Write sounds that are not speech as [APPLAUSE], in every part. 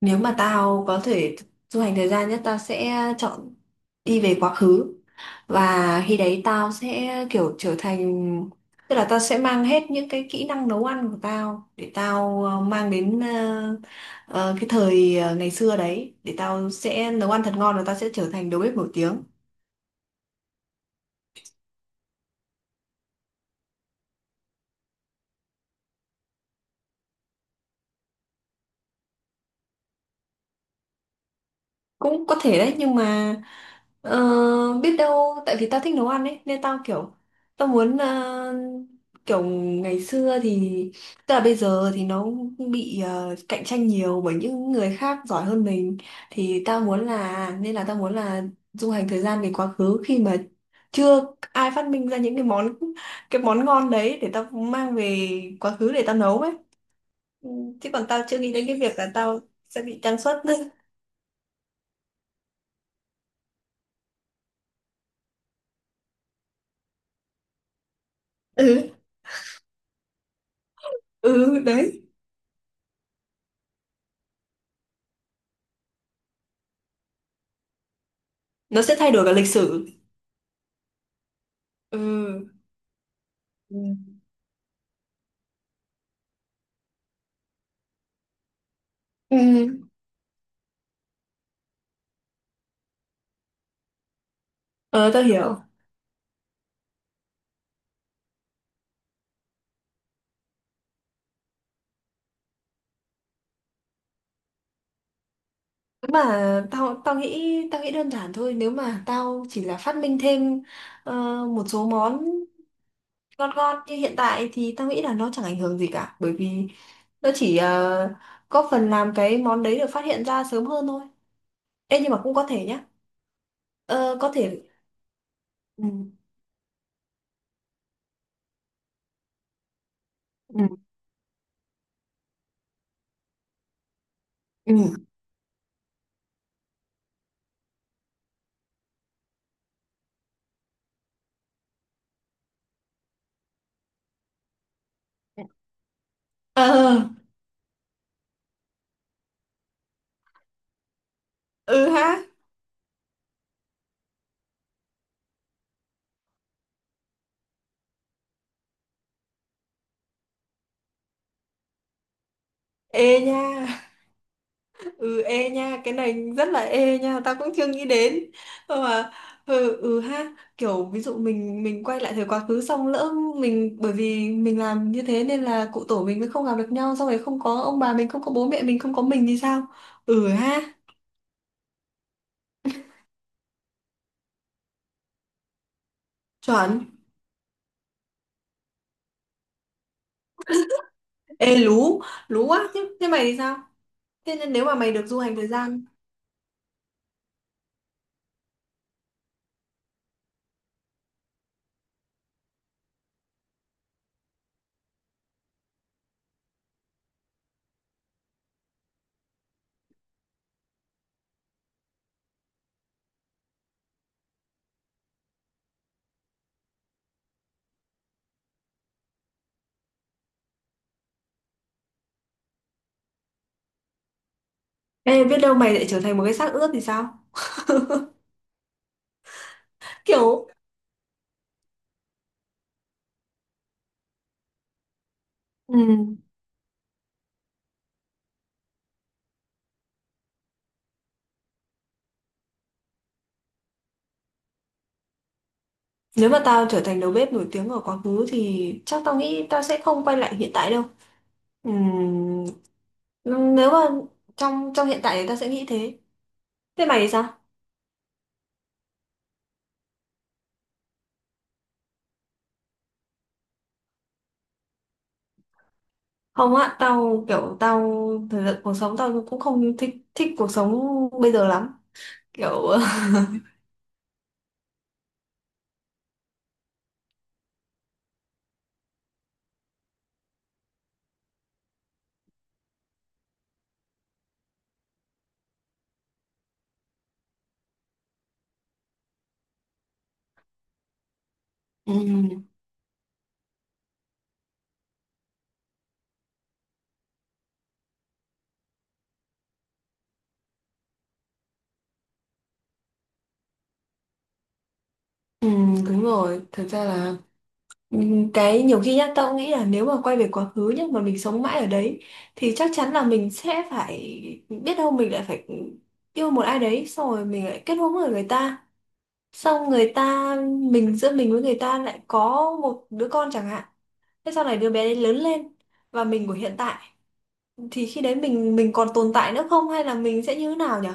Nếu mà tao có thể du hành thời gian nhất tao sẽ chọn đi về quá khứ, và khi đấy tao sẽ kiểu trở thành, tức là tao sẽ mang hết những cái kỹ năng nấu ăn của tao để tao mang đến cái thời ngày xưa đấy để tao sẽ nấu ăn thật ngon và tao sẽ trở thành đầu bếp nổi tiếng. Cũng có thể đấy nhưng mà, Ờ, biết đâu tại vì tao thích nấu ăn ấy nên tao kiểu tao muốn kiểu ngày xưa thì, tức là bây giờ thì nó bị cạnh tranh nhiều bởi những người khác giỏi hơn mình, thì tao muốn là nên là tao muốn là du hành thời gian về quá khứ khi mà chưa ai phát minh ra những cái món ngon đấy để tao mang về quá khứ để tao nấu ấy. Ừ, chứ còn tao chưa nghĩ đến cái việc là tao sẽ bị trang xuất. [LAUGHS] Ừ. Ừ, đấy nó sẽ thay đổi cả lịch sử. Ừ. Ừ. Ừ. Ờ, tao hiểu. Nếu mà tao tao nghĩ đơn giản thôi, nếu mà tao chỉ là phát minh thêm ờ, một số món ngon ngon như hiện tại thì tao nghĩ là nó chẳng ảnh hưởng gì cả, bởi vì nó chỉ có phần làm cái món đấy được phát hiện ra sớm hơn thôi. Ê, nhưng mà cũng có thể nhá. Ờ, có thể. Ừ. Ừ. Ừ. Ờ. Ừ ha. Ê nha. Ừ, ê nha, cái này rất là, ê nha, tao cũng chưa nghĩ đến. Ờ mà, ừ, ừ ha, kiểu ví dụ mình quay lại thời quá khứ, xong lỡ mình bởi vì mình làm như thế nên là cụ tổ mình mới không gặp được nhau, xong rồi không có ông bà mình, không có bố mẹ mình, không có mình thì sao. Ừ ha. Chuẩn. Ê, lú. Lú quá. Chứ thế mày thì sao? Thế nên nếu mà mày được du hành thời gian. Ê, biết đâu mày lại trở thành một cái xác ướp thì sao? Kiểu. Ừ, nếu mà tao trở thành đầu bếp nổi tiếng ở quá khứ thì chắc tao nghĩ tao sẽ không quay lại hiện tại đâu. Ừm, nếu mà trong trong hiện tại thì tao sẽ nghĩ thế. Thế mày thì sao? Không á, tao kiểu tao thời gian cuộc sống tao cũng không thích thích cuộc sống bây giờ lắm. Kiểu. [LAUGHS] ừm, Đúng rồi, thật ra là cái nhiều khi nhá tao cũng nghĩ là nếu mà quay về quá khứ nhá mà mình sống mãi ở đấy thì chắc chắn là mình sẽ phải, biết đâu mình lại phải yêu một ai đấy, xong rồi mình lại kết hôn với người ta, xong người ta, mình giữa mình với người ta lại có một đứa con chẳng hạn. Thế sau này đứa bé đấy lớn lên và mình của hiện tại, thì khi đấy mình còn tồn tại nữa không hay là mình sẽ như thế nào nhỉ?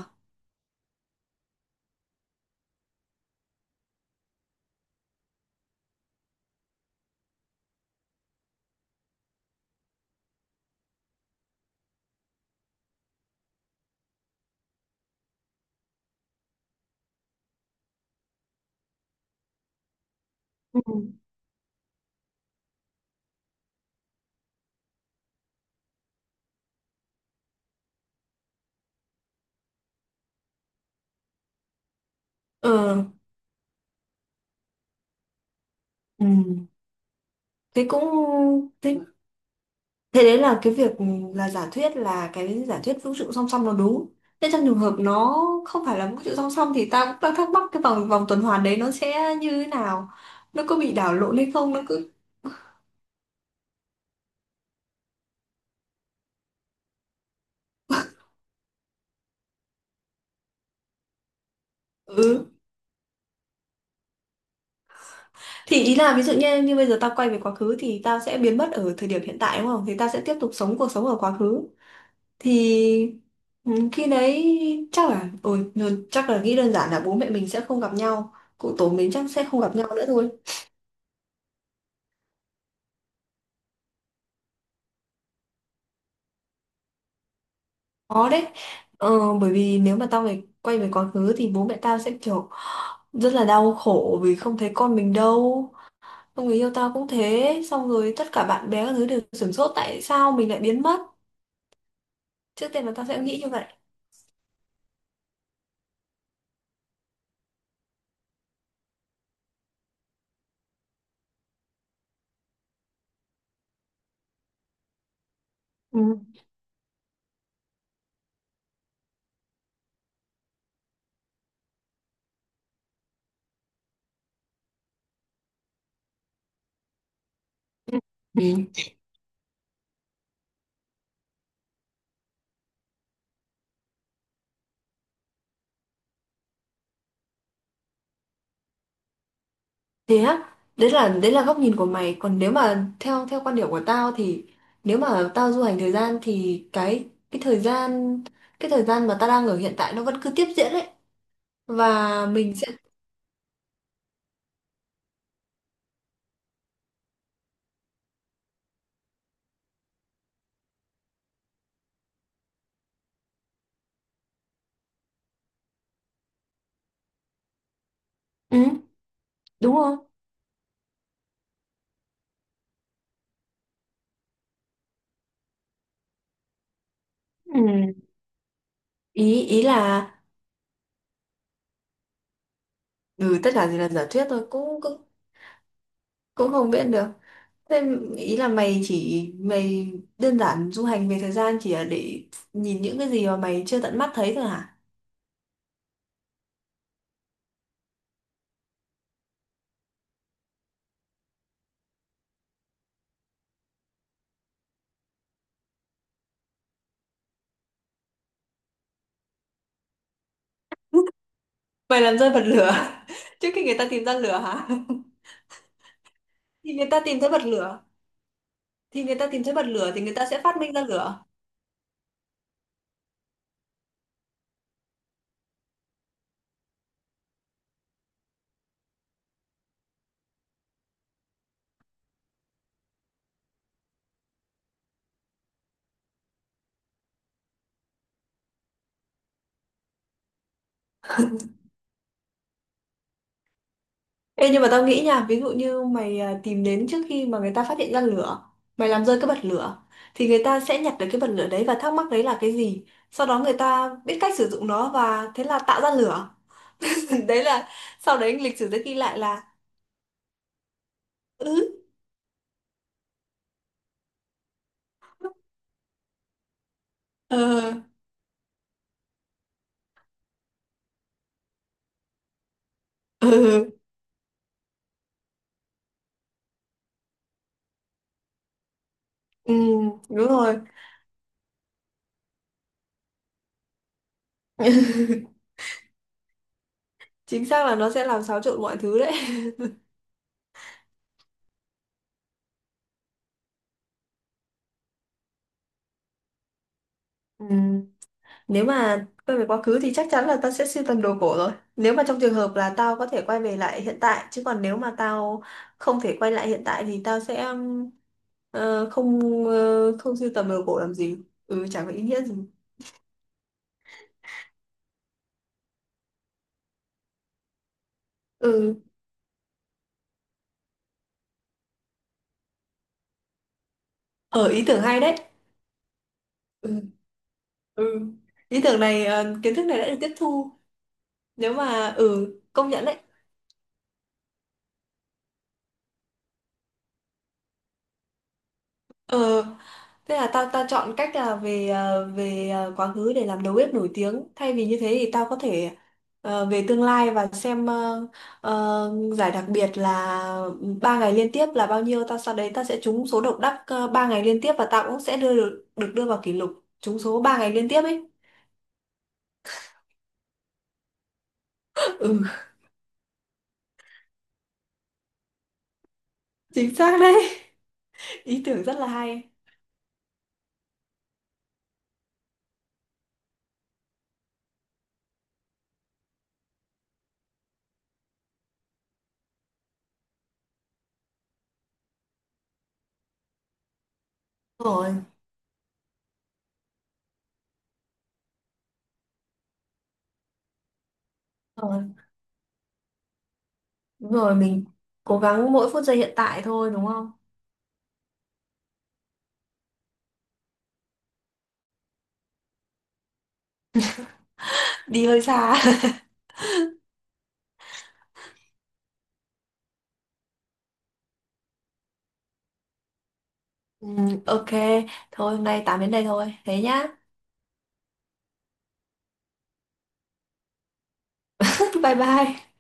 Ừ. Ừ. Ừ. Thế cũng, thế, thế đấy là cái việc là giả thuyết là cái giả thuyết vũ trụ song song nó đúng. Thế trong trường hợp nó không phải là vũ trụ song song thì ta cũng đang thắc mắc cái vòng vòng tuần hoàn đấy nó sẽ như thế nào? Nó có bị đảo lộn hay không? Nó cứ. Ừ. Thì ý là ví dụ như như bây giờ tao quay về quá khứ thì tao sẽ biến mất ở thời điểm hiện tại đúng không? Thì tao sẽ tiếp tục sống cuộc sống ở quá khứ. Thì, ừ, khi đấy chắc là, ôi, chắc là nghĩ đơn giản là bố mẹ mình sẽ không gặp nhau, cụ tổ mình chắc sẽ không gặp nhau nữa thôi. Khó đấy, bởi vì nếu mà tao này quay về quá khứ thì bố mẹ tao sẽ kiểu rất là đau khổ vì không thấy con mình đâu, xong người yêu tao cũng thế, xong rồi tất cả bạn bè các thứ đều sửng sốt tại sao mình lại biến mất. Trước tiên là tao sẽ nghĩ như vậy. Ừ. Ừ. Thế á, đấy là góc nhìn của mày, còn nếu mà theo theo quan điểm của tao thì nếu mà tao du hành thời gian thì cái thời gian mà tao đang ở hiện tại nó vẫn cứ tiếp diễn đấy, và mình sẽ, ừ, đúng không? Ừ. ý ý là ừ, tất cả chỉ là giả thuyết thôi, cũng cũng cũng không biết được. Thế ý là mày đơn giản du hành về thời gian chỉ là để nhìn những cái gì mà mày chưa tận mắt thấy thôi hả? Mày làm rơi bật lửa. [LAUGHS] Trước khi người ta tìm ra lửa hả? Thì người ta tìm thấy bật lửa thì người ta sẽ phát minh ra lửa. Ê, nhưng mà tao nghĩ nha, ví dụ như mày à, tìm đến trước khi mà người ta phát hiện ra lửa, mày làm rơi cái bật lửa thì người ta sẽ nhặt được cái bật lửa đấy và thắc mắc đấy là cái gì, sau đó người ta biết cách sử dụng nó và thế là tạo ra lửa. [LAUGHS] Đấy là, sau đấy lịch sử sẽ ghi lại là, ừ, ờ, ừ, ừ đúng rồi. [LAUGHS] Chính xác là nó sẽ làm xáo trộn mọi thứ đấy. [LAUGHS] Ừ. Nếu mà quay về quá khứ thì chắc chắn là tao sẽ sưu tầm đồ cổ rồi. Nếu mà trong trường hợp là tao có thể quay về lại hiện tại, chứ còn nếu mà tao không thể quay lại hiện tại thì tao sẽ ờ, không không sưu tầm đồ cổ làm gì. Ừ, chẳng có ý nghĩa gì. Ừ, ở, ý tưởng hay đấy. Ừ. Ừ. Ý tưởng này, kiến thức này đã được tiếp thu. Nếu mà công nhận đấy. Ờ, thế là tao tao chọn cách là về quá khứ để làm đầu bếp nổi tiếng. Thay vì như thế thì tao có thể về tương lai và xem giải đặc biệt là 3 ngày liên tiếp là bao nhiêu. Tao sau đấy tao sẽ trúng số độc đắc 3 ngày liên tiếp và tao cũng sẽ được đưa vào kỷ lục trúng số 3 ngày liên tiếp ấy. [LAUGHS] Ừ, chính xác đấy. [LAUGHS] Ý tưởng rất là hay. Đúng rồi, đúng rồi, rồi mình cố gắng mỗi phút giây hiện tại thôi đúng không? Đi hơi xa. Ừ, ok, thôi hôm nay tạm đến đây thôi. Thế nhá. [LAUGHS] Bye bye.